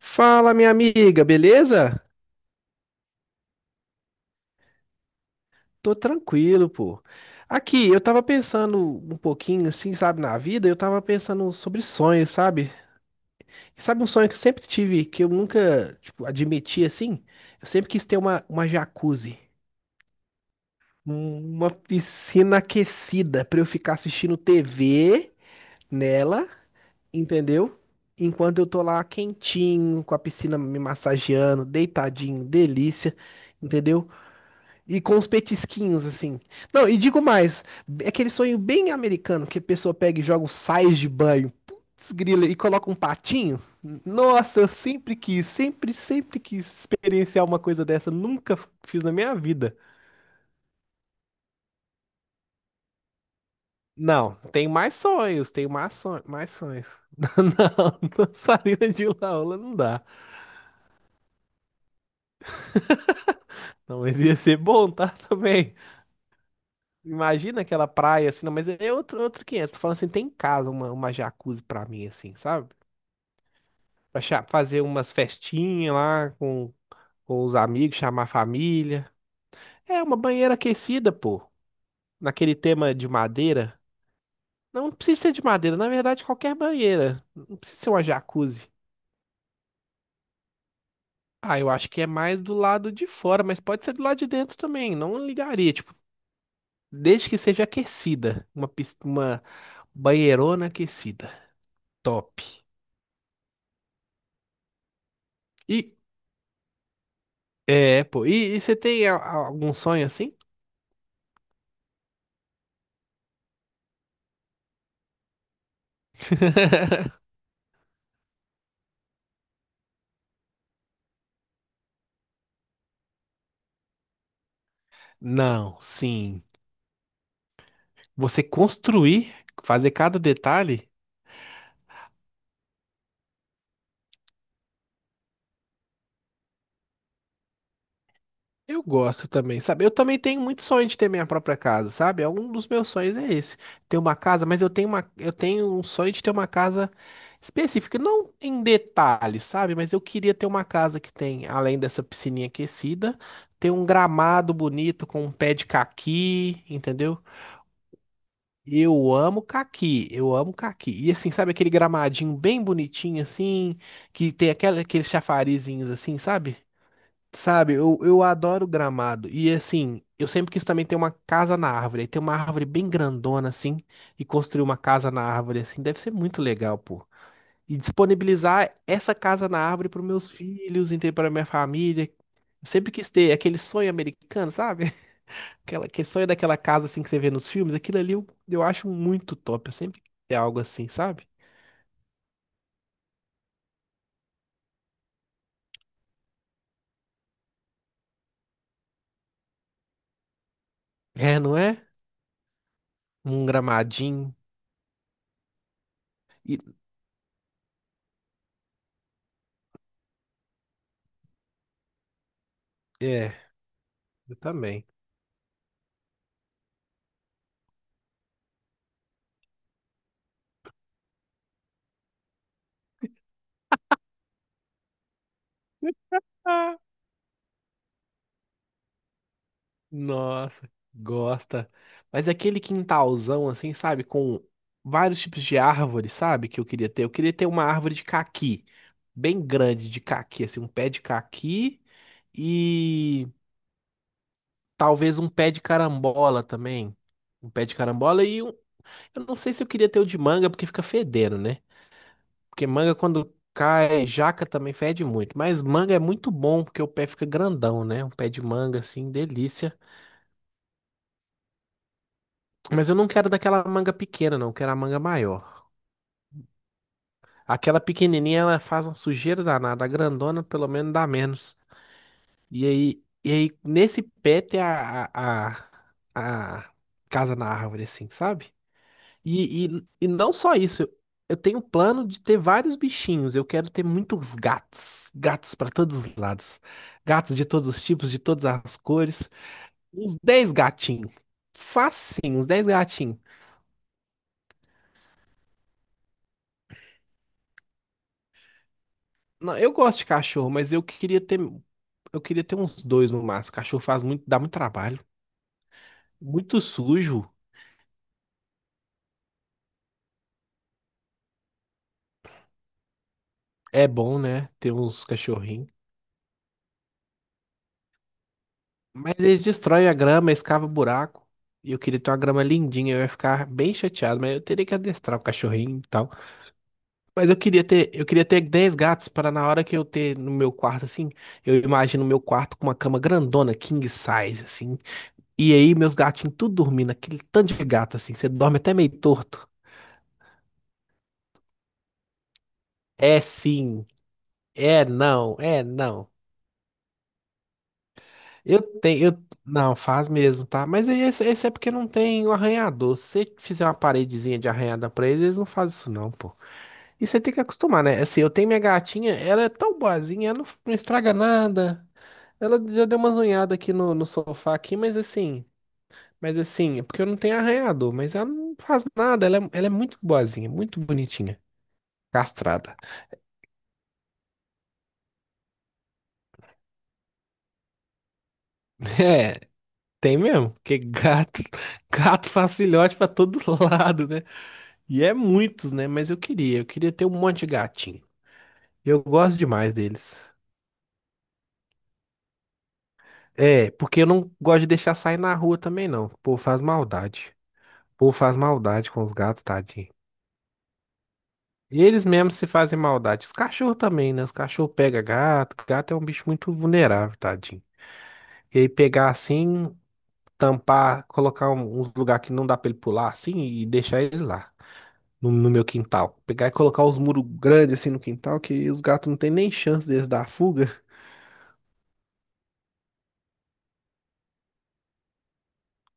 Fala, minha amiga, beleza? Tô tranquilo, pô. Aqui, eu tava pensando um pouquinho, assim, sabe, na vida, eu tava pensando sobre sonhos, sabe? E sabe um sonho que eu sempre tive, que eu nunca, tipo, admiti, assim? Eu sempre quis ter uma jacuzzi, uma piscina aquecida pra eu ficar assistindo TV nela, entendeu? Enquanto eu tô lá quentinho, com a piscina me massageando, deitadinho, delícia, entendeu? E com os petisquinhos, assim. Não, e digo mais, é aquele sonho bem americano que a pessoa pega e joga um sais de banho, putz, grila, e coloca um patinho. Nossa, eu sempre quis, sempre, sempre quis experienciar uma coisa dessa, nunca fiz na minha vida. Não, tem mais sonhos, mais sonhos. Não, dançarina de hula-hula não dá. Não, mas ia ser bom, tá? Também. Imagina aquela praia assim, não, mas é outro, outro 500. Tô falando assim, tem em casa uma jacuzzi pra mim, assim, sabe? Fazer umas festinhas lá com os amigos, chamar a família. É uma banheira aquecida, pô. Naquele tema de madeira. Não precisa ser de madeira, na verdade, qualquer banheira. Não precisa ser uma jacuzzi. Ah, eu acho que é mais do lado de fora, mas pode ser do lado de dentro também. Não ligaria, tipo, desde que seja aquecida. Uma banheirona aquecida. Top. E, é, pô. E você tem algum sonho assim? Não, sim. Você construir, fazer cada detalhe, eu gosto também, sabe? Eu também tenho muito sonho de ter minha própria casa, sabe? É um dos meus sonhos é esse, ter uma casa, mas eu tenho uma, eu tenho um sonho de ter uma casa específica, não em detalhes, sabe? Mas eu queria ter uma casa que tem, além dessa piscininha aquecida, ter um gramado bonito com um pé de caqui, entendeu? Eu amo caqui, eu amo caqui. E assim, sabe aquele gramadinho bem bonitinho assim, que tem aquela, aqueles chafarizinhos assim, sabe? Sabe, eu adoro gramado. E assim, eu sempre quis também ter uma casa na árvore. Aí tem uma árvore bem grandona, assim, e construir uma casa na árvore, assim, deve ser muito legal, pô. E disponibilizar essa casa na árvore para meus filhos, entendeu? Para minha família. Eu sempre quis ter aquele sonho americano, sabe? Aquela, aquele sonho daquela casa, assim, que você vê nos filmes. Aquilo ali eu acho muito top. Eu sempre quis ter algo assim, sabe? É, não é? Um gramadinho. E, é, eu também. Nossa, gosta. Mas aquele quintalzão assim, sabe, com vários tipos de árvores, sabe, que eu queria ter. Eu queria ter uma árvore de caqui, bem grande de caqui, assim, um pé de caqui e talvez um pé de carambola também. Um pé de carambola e um... eu não sei se eu queria ter o de manga porque fica fedendo, né? Porque manga quando cai, jaca também fede muito, mas manga é muito bom porque o pé fica grandão, né? Um pé de manga assim, delícia. Mas eu não quero daquela manga pequena, não. Eu quero a manga maior. Aquela pequenininha, ela faz uma sujeira danada. A grandona, pelo menos, dá menos. E aí nesse pé tem a casa na árvore, assim, sabe? E não só isso. Eu tenho plano de ter vários bichinhos. Eu quero ter muitos gatos. Gatos para todos os lados. Gatos de todos os tipos, de todas as cores. Uns 10 gatinhos. Facinho, uns 10 gatinhos. Não, eu gosto de cachorro, mas eu queria ter uns dois no máximo. Cachorro faz muito, dá muito trabalho. Muito sujo. É bom, né? Ter uns cachorrinhos. Mas eles destroem a grama, escava buraco. E eu queria ter uma grama lindinha, eu ia ficar bem chateado, mas eu teria que adestrar o cachorrinho e tal. Mas eu queria ter 10 gatos para na hora que eu ter no meu quarto assim, eu imagino o meu quarto com uma cama grandona, king size assim. E aí meus gatinhos tudo dormindo, aquele tanto de gato assim, você dorme até meio torto. É sim. É, não, é, não. Eu tenho, eu, não, faz mesmo, tá? Mas aí esse é porque não tem o arranhador. Se você fizer uma paredezinha de arranhada pra eles, eles não fazem isso não, pô. E você tem que acostumar, né? Assim, eu tenho minha gatinha, ela é tão boazinha, ela não, não estraga nada. Ela já deu uma zunhada aqui no, no sofá aqui, mas assim, é porque eu não tenho arranhador, mas ela não faz nada, ela é muito boazinha, muito bonitinha, castrada. É. Tem mesmo, porque gato, gato faz filhote pra todo lado, né? E é muitos, né? Mas eu queria ter um monte de gatinho. Eu gosto demais deles. É, porque eu não gosto de deixar sair na rua também, não. O povo faz maldade. O povo faz maldade com os gatos, tadinho. E eles mesmos se fazem maldade. Os cachorros também, né? Os cachorros pegam gato. Gato é um bicho muito vulnerável, tadinho. E aí pegar assim, tampar, colocar um, uns lugar que não dá pra ele pular assim e deixar ele lá. No meu quintal. Pegar e colocar os muros grandes assim no quintal, que os gatos não tem nem chance deles dar fuga.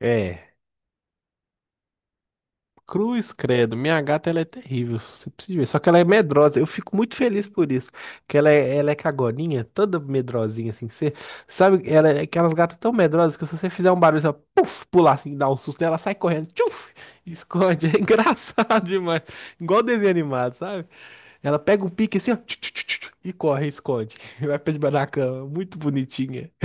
É, cruz, credo. Minha gata, ela é terrível. Você precisa ver. Só que ela é medrosa. Eu fico muito feliz por isso. Que ela é cagoninha, toda medrosinha assim. Que Você sabe, ela é aquelas gatas tão medrosas que se você fizer um barulho, ela puf, pular assim, dá um susto nela, sai correndo, tchuf, esconde. É engraçado demais. Igual desenho animado, sabe? Ela pega o pique assim, ó, tchu, tchu, tchu, tchu, e corre, esconde. Vai pra debaixo da cama. Muito bonitinha.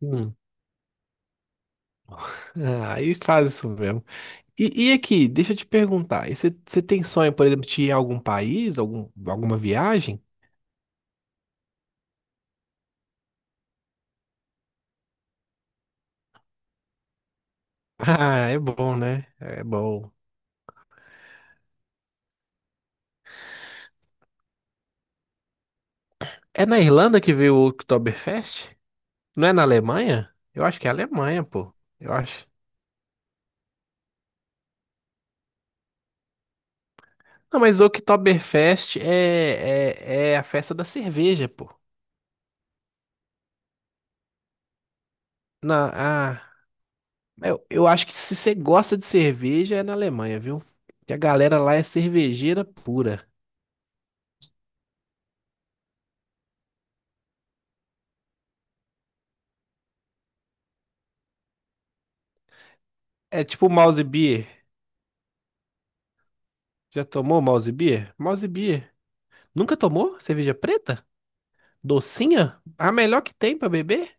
Hum. Ah, aí faz isso mesmo. E aqui, deixa eu te perguntar. Você tem sonho, por exemplo, de ir a algum país, algum, alguma viagem? Ah, é bom, né? É bom. É na Irlanda que veio o Oktoberfest? Não é na Alemanha? Eu acho que é Alemanha, pô. Eu acho. Não, mas o Oktoberfest é a festa da cerveja, pô. Na, ah, eu acho que se você gosta de cerveja é na Alemanha, viu? Que a galera lá é cervejeira pura. É tipo mouse beer. Já tomou mouse beer? Mouse beer. Nunca tomou cerveja preta? Docinha? A melhor que tem pra beber?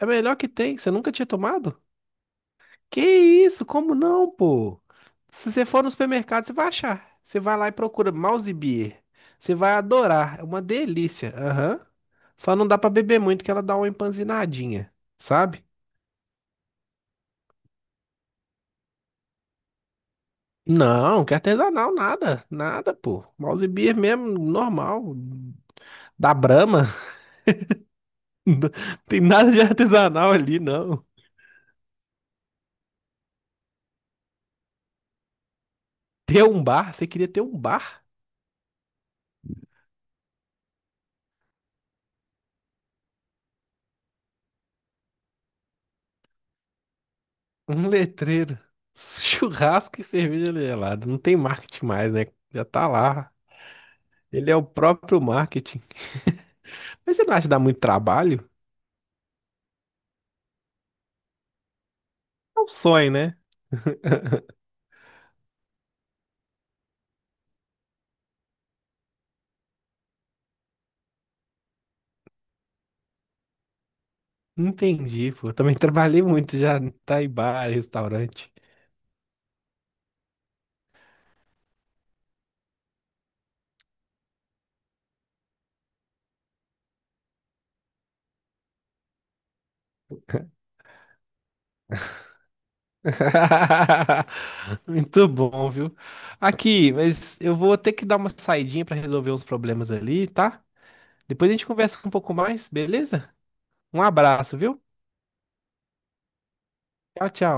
A melhor que tem. Você nunca tinha tomado? Que isso? Como não, pô? Se você for no supermercado, você vai achar. Você vai lá e procura mouse beer. Você vai adorar. É uma delícia. Aham. Só não dá pra beber muito que ela dá uma empanzinadinha, sabe? Não, que artesanal, nada, nada, pô. Mouse beer mesmo, normal, da Brahma. Não tem nada de artesanal ali, não. Ter um bar, você queria ter um bar? Um letreiro. Churrasco e cerveja gelada. Não tem marketing mais, né? Já tá lá. Ele é o próprio marketing. Mas você não acha que dá muito trabalho? É um sonho, né? Entendi, pô. Eu também trabalhei muito já, tá em bar, restaurante. Muito bom, viu? Aqui, mas eu vou ter que dar uma saidinha para resolver uns problemas ali, tá? Depois a gente conversa um pouco mais, beleza? Um abraço, viu? Tchau, tchau.